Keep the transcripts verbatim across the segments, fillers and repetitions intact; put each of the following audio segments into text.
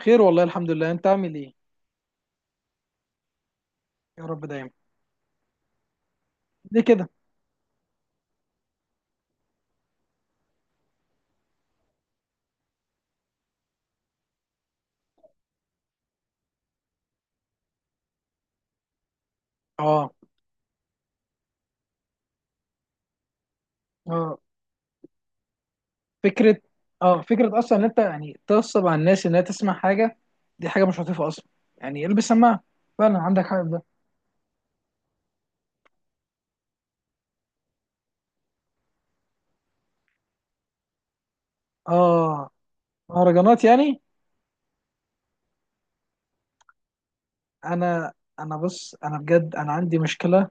خير والله الحمد لله. انت عامل ايه؟ يا رب دايما. ليه كده؟ اه. اه فكره اه، فكره اصلا ان انت يعني تغصب على الناس انها تسمع حاجه. دي حاجه مش لطيفه اصلا. يعني البس سماعه. فعلا عندك حق في ده. اه. مهرجانات يعني. انا انا بص، انا بجد انا عندي مشكله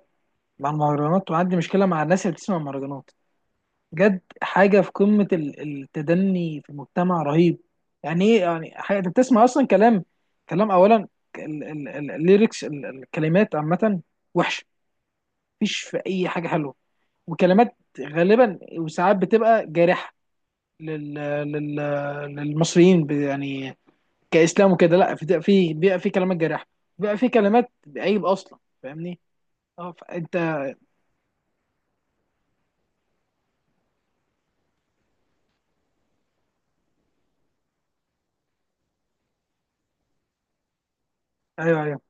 مع المهرجانات، وعندي مشكله مع الناس اللي بتسمع مهرجانات. بجد حاجه في قمه ال- التدني في المجتمع، رهيب. يعني ايه؟ يعني حاجه انت بتسمع اصلا كلام. كلام، اولا ال- ال- ال- الليركس، ال- الكلمات عامه وحشه. مفيش في اي حاجه حلوه. وكلمات غالبا، وساعات بتبقى جارحه لل لل للمصريين، ب- يعني كاسلام وكده. لا، في، في بيبقى في كلمات جارحه، بيبقى في كلمات عيب اصلا. فاهمني؟ اه، فانت. ايوه ايوه.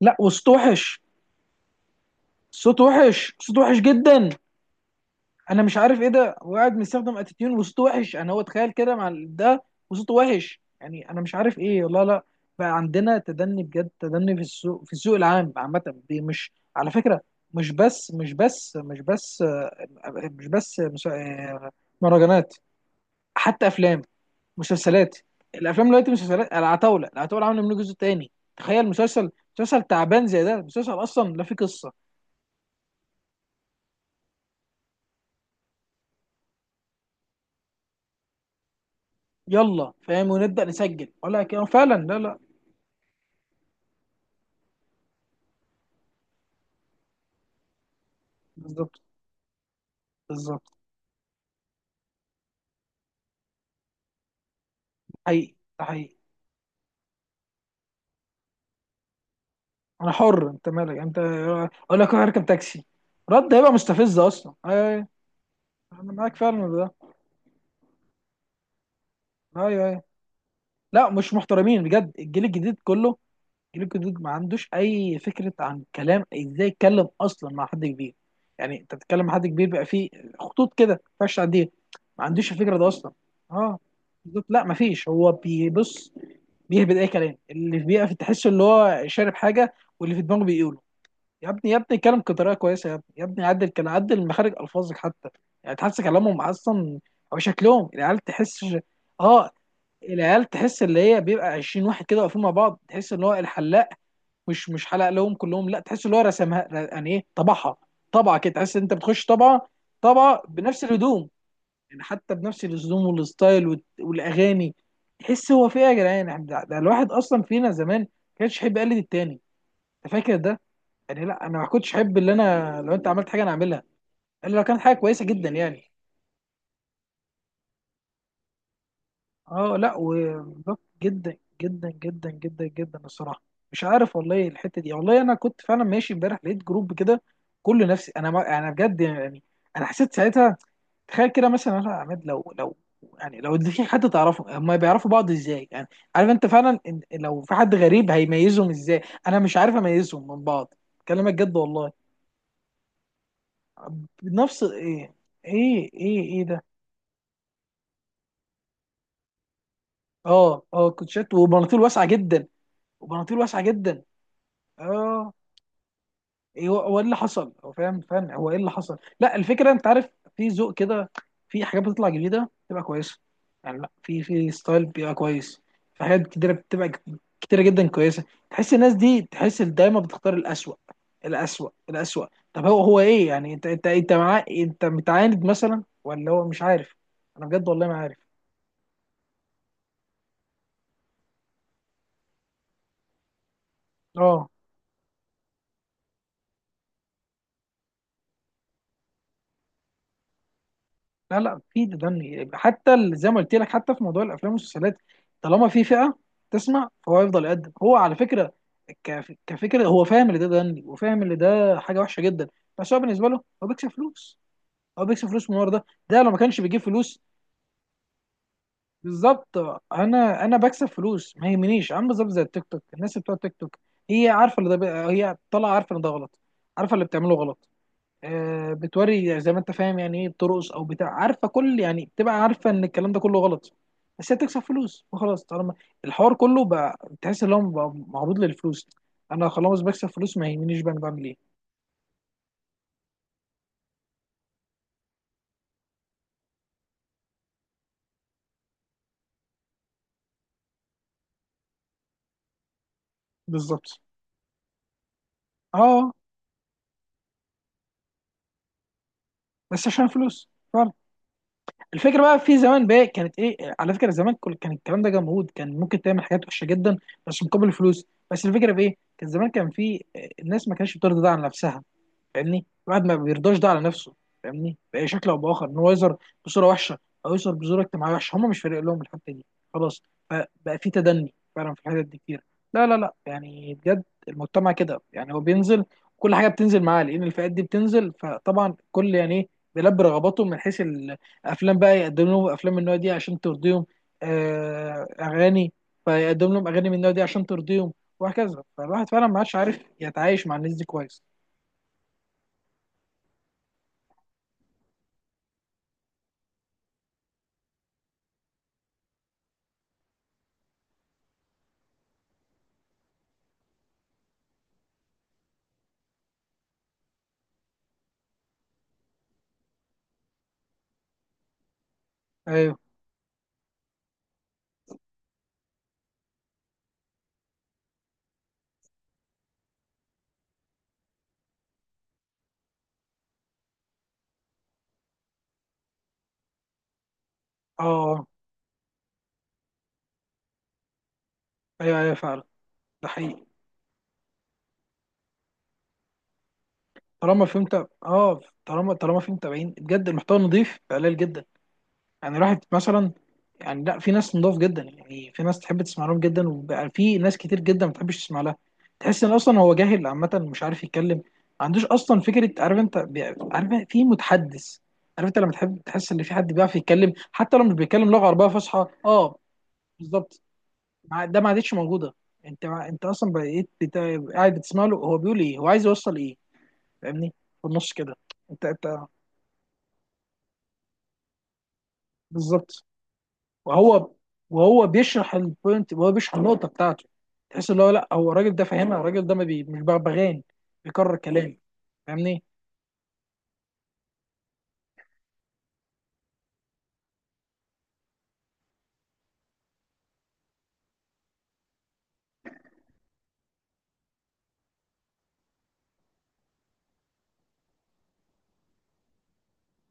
لا، وصوت وحش. صوت وحش، صوت وحش جدا. انا مش عارف ايه ده، وقاعد مستخدم اتيتيون وصوته وحش. انا هو اتخيل كده مع ال- ده، وصوته وحش. يعني انا مش عارف ايه، والله لا. بقى عندنا تدني، بجد تدني في السوق، في السوق العام عامه. دي مش على فكره مش بس مش بس مش بس آه، مش بس مس- آه، مهرجانات. حتى افلام، مسلسلات. الافلام دلوقتي، مسلسلات العتاوله، العتاوله عامله منه جزء تاني. تخيل، مسلسل مسلسل تعبان زي ده، مسلسل اصلا لا فيه قصه. يلا فاهم، ونبدا نسجل ولا كده؟ فعلا، لا لا. بالظبط بالظبط. حقيقي، ده حقيقي. انا حر، انت مالك انت. اقول لك روح اركب تاكسي. رد هيبقى مستفز اصلا. ايوه ايوه. انا معاك فعلا في ده. ايوه ايوه. لا مش محترمين بجد، الجيل الجديد كله. الجيل الجديد ما عندوش اي فكره عن كلام، ازاي يتكلم اصلا مع حد كبير. يعني انت بتتكلم مع حد كبير، بقى فيه خطوط كده ما ينفعش تعديها. ما عندوش الفكره ده اصلا. اه. بالظبط. لا ما فيش، هو بيبص بيهبد اي كلام. اللي في بيقف، تحسه اللي هو شارب حاجه، واللي في دماغه بيقوله. يا ابني يا ابني اتكلم بطريقه كويسه، يا ابني يا ابني عدل، كان عدل مخارج الفاظك حتى. يعني تحس كلامهم اصلا او شكلهم، العيال تحس. اه. العيال تحس، اللي هي بيبقى عشرين واحد كده واقفين مع بعض، تحس ان هو الحلاق مش مش حلق لهم كلهم، لا تحس ان هو رسمها يعني. ايه طبعها؟ طبعه كده. تحس ان انت بتخش طبعه. طبعه بنفس الهدوم. يعني حتى بنفس الهدوم والستايل وال- والاغاني. تحس هو في ايه يا جدعان؟ يعني ده, ده الواحد اصلا فينا زمان ما كانش يحب يقلد التاني. انت فاكر ده؟ يعني لا، انا ما كنتش احب، اللي انا لو انت عملت حاجه انا اعملها، الا لو كانت حاجه كويسه جدا يعني. اه لا، وبالظبط، جدا جدا جدا جدا جدا، الصراحه. مش عارف والله الحته دي. والله انا كنت فعلا ماشي امبارح لقيت جروب كده، كل نفسي انا، ما انا بجد يعني. انا حسيت ساعتها، تخيل كده مثلا انا عماد، لو لو يعني لو في حد تعرفه، هما بيعرفوا بعض ازاي يعني؟ عارف انت، فعلا إن لو في حد غريب هيميزهم ازاي؟ انا مش عارف اميزهم من بعض. كلامك جد والله. بنفس ايه؟ ايه ايه ايه ده. اه اه، كوتشات وبناطيل واسعه جدا. وبناطيل واسعه جدا. اه. ايه هو، هو ايه اللي حصل هو فاهم فاهم هو ايه اللي حصل؟ لا، الفكره انت عارف، في ذوق كده، في حاجات بتطلع جديده بتبقى كويسه. يعني لا، في في ستايل بيبقى كويس. في حاجات كتيره بتبقى ك- كتيره جدا، كويسه. تحس الناس دي، تحس إن دايما بتختار الاسوأ. الاسوأ الاسوأ. طب هو، هو ايه يعني؟ انت انت انت معاه، انت متعاند مثلا؟ ولا هو مش عارف؟ انا بجد والله ما عارف. اه لا لا، في تدني حتى ال- زي ما قلت لك، حتى في موضوع الافلام والمسلسلات. طالما في فئه تسمع، فهو يفضل يقدم. هو على فكره، كف- كفكره، هو فاهم ان ده تدني، وفاهم ان ده حاجه وحشه جدا، بس هو بالنسبه له، هو بيكسب فلوس. هو بيكسب فلوس من ورا ده، ده لو ما كانش بيجيب فلوس. بالظبط. انا انا بكسب فلوس، ما يهمنيش. عامل بالظبط زي التيك توك، الناس اللي بتوع التيك توك، هي عارفه اللي ده بي... هي طالعه عارفه ان ده غلط، عارفه اللي بتعمله غلط. آه، بتوري زي ما انت فاهم يعني ايه، بترقص او بتاع. عارفه كل يعني، بتبقى عارفه ان الكلام ده كله غلط، بس هي بتكسب فلوس وخلاص. طالما الحوار كله بقى، تحس ان هو بقى معروض للفلوس. انا خلاص بكسب فلوس، ما يهمنيش بقى انا بعمل ايه. بالظبط. اه، بس عشان فلوس فعلا. الفكره بقى، في زمان بقى كانت ايه على فكره. زمان كل، كان الكلام ده جمهود، كان ممكن تعمل حاجات وحشه جدا بس مقابل فلوس. بس الفكره في ايه؟ كان زمان كان في آه، الناس ما كانتش بترضى ده عن نفسها. فاهمني؟ الواحد ما بيرضاش ده على نفسه. فاهمني؟ باي شكل او باخر، ان هو يظهر بصوره وحشه، او يظهر بصوره اجتماعيه وحشه. هم مش فارق لهم الحته دي، خلاص. فبقى في تدني فعلا في الحتت دي كتير. لا لا لا، يعني بجد المجتمع كده، يعني هو بينزل، كل حاجه بتنزل معاه، لان الفئات دي بتنزل. فطبعا كل يعني ايه، بيلبي رغباتهم. من حيث الافلام بقى، يقدم لهم افلام من النوع دي عشان ترضيهم. آه، اغاني، فيقدم لهم اغاني من النوع دي عشان ترضيهم. وهكذا. فالواحد فعلا ما عادش عارف يتعايش مع الناس دي كويس. آه. اه. ايوه ايوه فعلا. ده حقيقي. طالما في متابع، اه طالما طالما في متابعين. بجد المحتوى نضيف بقى قليل جدا. يعني الواحد مثلا، يعني لا في ناس نضاف جدا، يعني في ناس تحب تسمع لهم جدا، وبقى في ناس كتير جدا ما بتحبش تسمع لها. تحس ان اصلا هو جاهل عامه، مش عارف يتكلم، ما عندوش اصلا فكره. عارف انت بي- عارف في متحدث، عارف انت لما تحب تحس ان في حد بيعرف يتكلم، حتى لو مش بيتكلم لغه عربيه فصحى. اه بالظبط. مع- ده ما عادتش موجوده. انت انت اصلا بقيت بتا- قاعد بتسمع له، هو بيقول ايه، هو عايز يوصل ايه. فاهمني؟ في النص كده. انت انت بالظبط. وهو وهو بيشرح البوينت، وهو بيشرح النقطه بتاعته. تحس اللي هو لا، هو الراجل ده فاهمها، الراجل ده ما بي مش بغبغاني بيكرر كلامي. فاهمني؟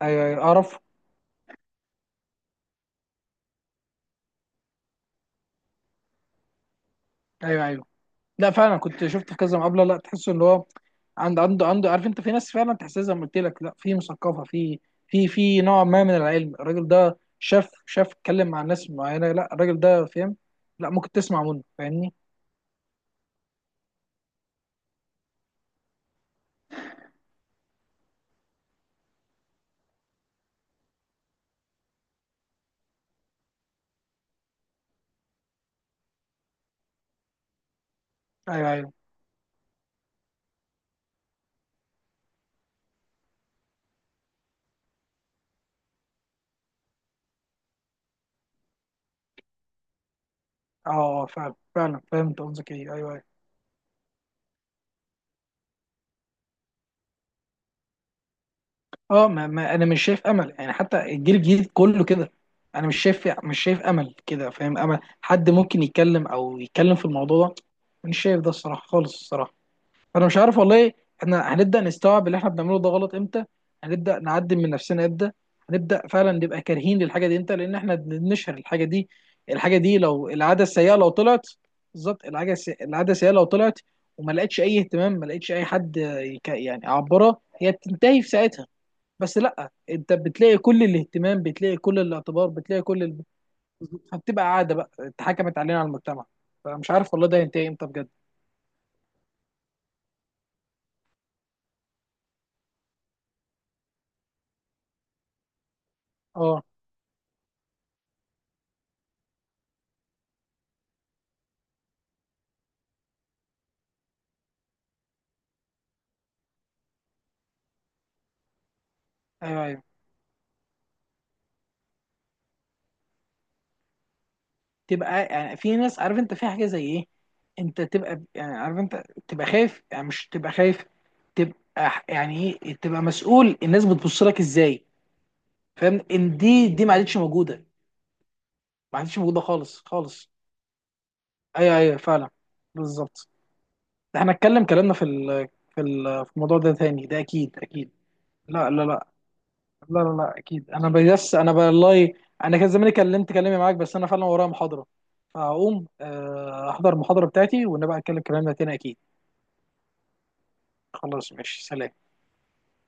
ايوه ايوه اعرف. ايوه ايوه. لا فعلا كنت شفت في كذا مقابله، لا تحس ان هو عنده عنده عنده، عارف انت، في ناس فعلا تحسها زي ما قلت لك، لا في مثقفه، في في في نوع ما من العلم. الراجل ده شاف، شاف اتكلم مع ناس معينه، لا الراجل ده فاهم. لا ممكن تسمع منه. فاهمني؟ ايوه ايوه. اه فعلا فعلا، فهمت قصدك ايه. ايوه ايوه. اه ما, ما انا مش شايف امل، يعني حتى الجيل الجديد كله كده. انا مش شايف، مش شايف امل كده فاهم. امل حد ممكن يتكلم، او يتكلم في الموضوع ده، مش شايف ده الصراحه خالص، الصراحه. انا مش عارف والله. احنا هنبدا نستوعب اللي احنا بنعمله ده غلط امتى؟ هنبدا نعدل من نفسنا امتى؟ هنبدا فعلا نبقى كارهين للحاجه دي امتى؟ لان احنا بنشهر الحاجه دي. الحاجه دي، لو العاده السيئه لو طلعت. بالظبط، العاده السي- العاده السيئه لو طلعت وما لقتش اي اهتمام، ما لقتش اي حد يك- يعني يعبرها، هي بتنتهي في ساعتها. بس لا، انت بتلاقي كل الاهتمام، بتلاقي كل الاعتبار، بتلاقي كل ال... فبتبقى عاده بقى اتحكمت علينا، على المجتمع. فمش عارف والله ده هينتهي امتى بجد. اه. ايوه ايوه. تبقى يعني في ناس عارف انت، في حاجه زي ايه؟ انت تبقى يعني، عارف انت تبقى خايف يعني، مش تبقى خايف، تبقى ح- يعني ايه، تبقى مسؤول، الناس بتبص لك ازاي. فاهم ان دي دي ما عادتش موجوده. ما عادتش موجوده خالص، خالص. ايوه ايوه فعلا. بالظبط. ده احنا هنتكلم كلامنا في ال في ال في الموضوع ده تاني، ده اكيد اكيد. لا لا لا. لا لا, لا اكيد. انا بس، انا والله انا كان زماني كلمت كلامي معاك، بس انا فعلا ورايا محاضره، فهقوم آه، احضر المحاضره بتاعتي، ونبقى نتكلم كلامنا تاني اكيد. خلاص ماشي، سلام.